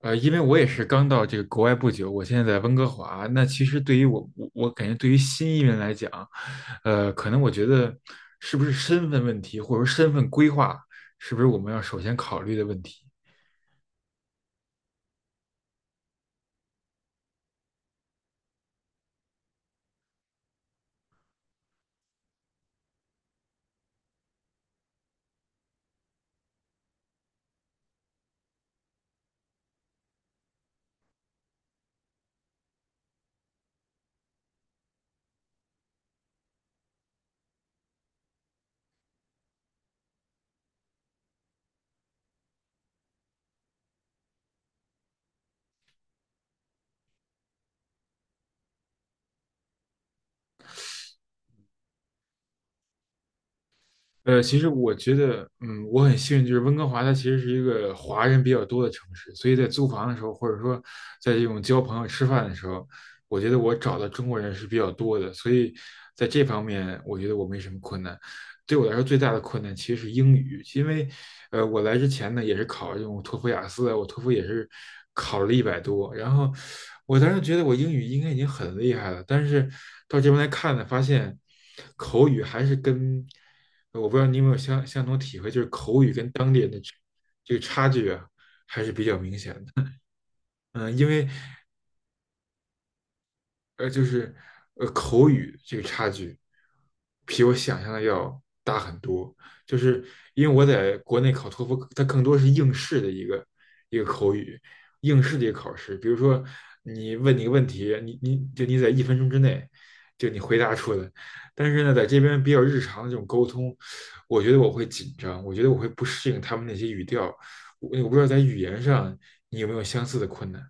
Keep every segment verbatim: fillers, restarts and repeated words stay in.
呃，因为我也是刚到这个国外不久，我现在在温哥华。那其实对于我，我我感觉对于新移民来讲，呃，可能我觉得是不是身份问题，或者说身份规划，是不是我们要首先考虑的问题？呃，其实我觉得，嗯，我很幸运，就是温哥华它其实是一个华人比较多的城市，所以在租房的时候，或者说在这种交朋友、吃饭的时候，我觉得我找的中国人是比较多的，所以在这方面，我觉得我没什么困难。对我来说最大的困难其实是英语，因为呃，我来之前呢也是考这种托福、雅思啊，我托福也是考了一百多，然后我当时觉得我英语应该已经很厉害了，但是到这边来看呢，发现口语还是跟呃我不知道你有没有相相同体会，就是口语跟当这个差距啊还是比较明显的。嗯，因为呃，就是呃口语这个差距，比我想象的要大很多。就是因为我在国内考托福，它更多是应试的一个一个口语，应试的一个考试。比如说你问你个问题，你你就你在一分钟之内就你回答出来。但是呢，在这边比较日常的这种沟通，我觉得我会紧张，我觉得我会不适应他们那些语调。我我不知道在语言上你有没有相似的困难。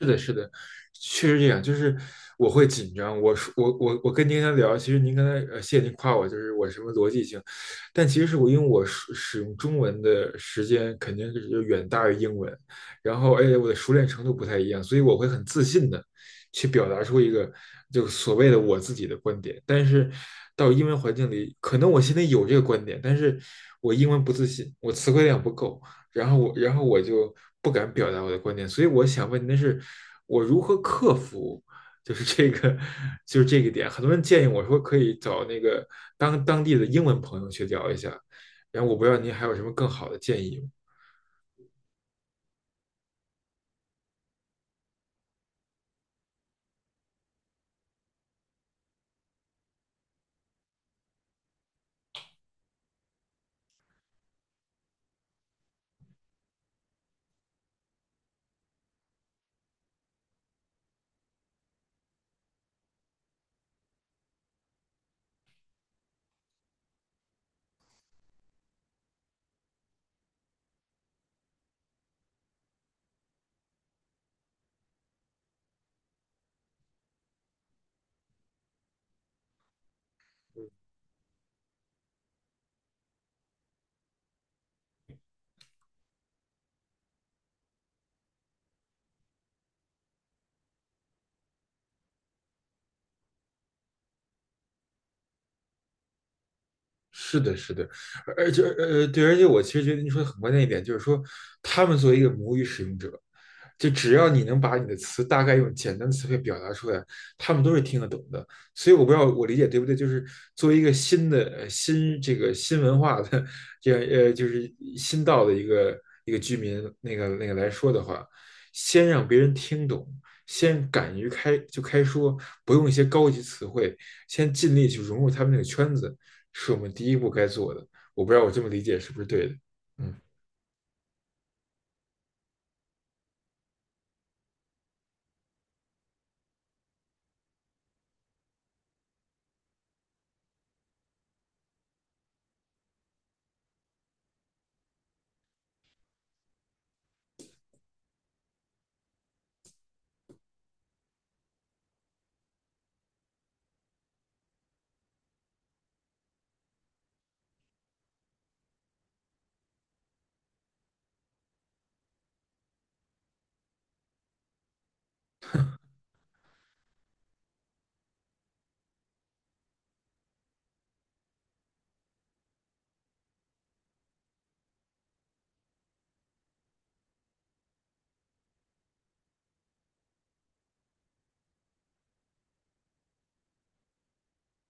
是的，是的，确实这样。就是我会紧张。我说我我我跟您刚才聊，其实您刚才呃，谢谢您夸我，就是我什么逻辑性，但其实是我因为我使使用中文的时间肯定是就远大于英文，然后而且我的熟练程度不太一样，所以我会很自信的去表达出一个就所谓的我自己的观点。但是到英文环境里，可能我心里有这个观点，但是我英文不自信，我词汇量不够，然后我，然后我就不敢表达我的观点，所以我想问您的是，我如何克服，就是这个，就是这个点。很多人建议我说可以找那个当当地的英文朋友去聊一下，然后我不知道您还有什么更好的建议吗？嗯是的，是的，而且呃，对，而且我其实觉得您说的很关键一点，就是说他们作为一个母语使用者，就只要你能把你的词大概用简单的词汇表达出来，他们都是听得懂的。所以我不知道我理解对不对，就是作为一个新的呃新这个新文化的这样呃就是新到的一个一个居民那个那个来说的话，先让别人听懂，先敢于开就开说，不用一些高级词汇，先尽力去融入他们那个圈子，是我们第一步该做的。我不知道我这么理解是不是对的？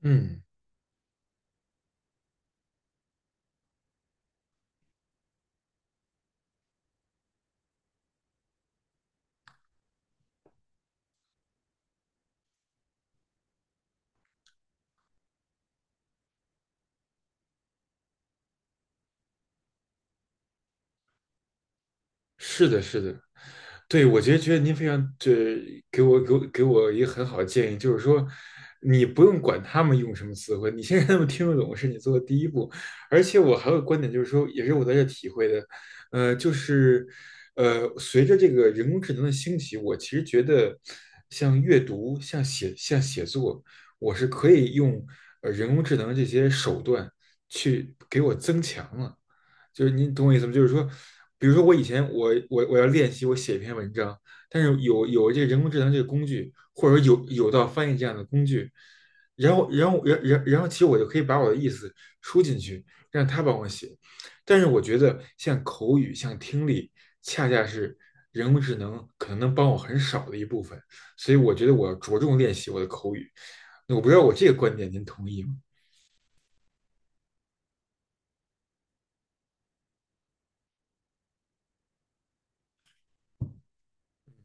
嗯。是的，是的，对，我觉得觉得您非常这给我给我给我一个很好的建议，就是说，你不用管他们用什么词汇，你先 让他们听得懂是你做的第一步。而且我还有个观点，就是说，也是我在这体会的，呃，就是呃，随着这个人工智能的兴起，我其实觉得像阅读、像写、像写作，我是可以用呃人工智能这些手段去给我增强了。就是您懂我意思吗？就是说，比如说我以前我我我要练习我写一篇文章，但是有有这个人工智能这个工具，或者说有有道翻译这样的工具，然后然后然然然后其实我就可以把我的意思输进去，让他帮我写。但是我觉得像口语、像听力，恰恰是人工智能可能能帮我很少的一部分，所以我觉得我要着重练习我的口语。那我不知道我这个观点您同意吗？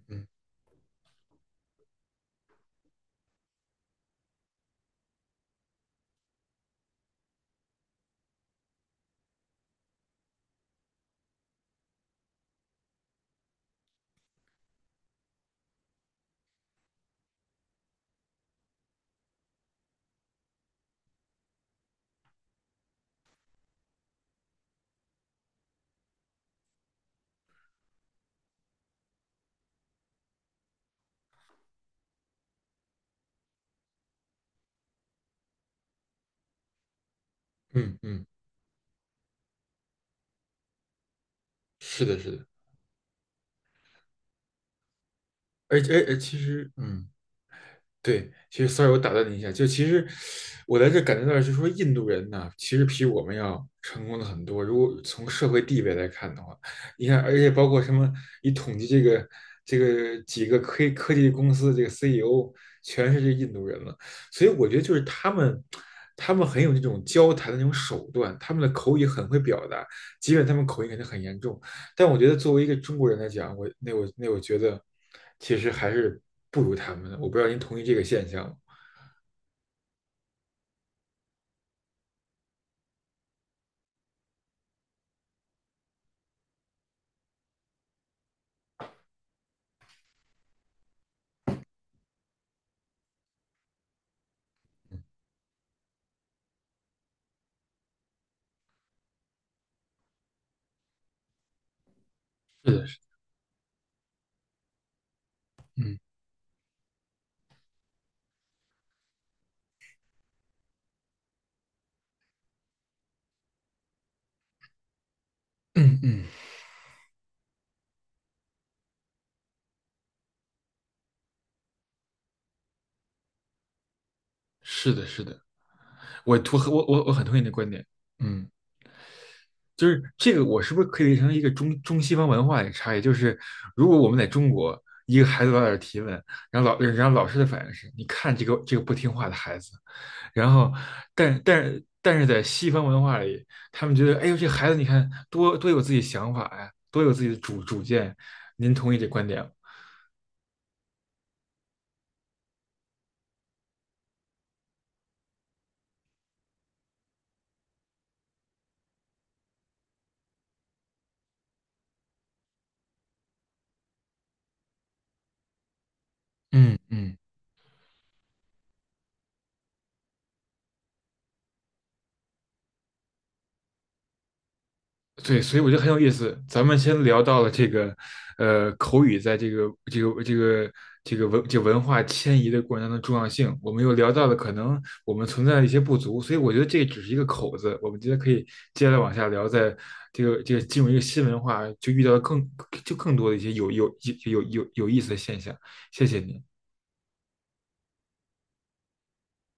嗯嗯嗯，是的，是的，而且而而其实嗯。对，其实 sorry，我打断你一下，就其实我在这感觉到，就是说印度人呢，其实比我们要成功的很多。如果从社会地位来看的话，你看，而且包括什么，你统计这个这个几个科科技公司的这个 C E O，全是这印度人了。所以我觉得就是他们，他们很有这种交谈的那种手段，他们的口语很会表达，即便他们口音肯定很严重，但我觉得作为一个中国人来讲，我那我那我觉得其实还是不如他们的。我不知道您同意这个现象吗？是的，是，嗯嗯嗯，是的，是的，我同我我我很同意你的观点。嗯，就是这个我是不是可以理解成一个中中西方文化的差异？就是如果我们在中国，一个孩子老在这儿提问，然后老然后老师的反应是，你看这个这个不听话的孩子，然后，但但但是在西方文化里，他们觉得，哎呦，这孩子你看多多有自己想法呀，多有自己的主主见。您同意这观点吗？嗯嗯。对，所以我觉得很有意思。咱们先聊到了这个，呃，口语在这个这个这个这个文这个文化迁移的过程当中的重要性，我们又聊到了可能我们存在的一些不足，所以我觉得这只是一个口子。我们觉得可以接下来往下聊，在这个这个进入一个新文化，就遇到了更就更多的一些有有有有有有意思的现象。谢谢您。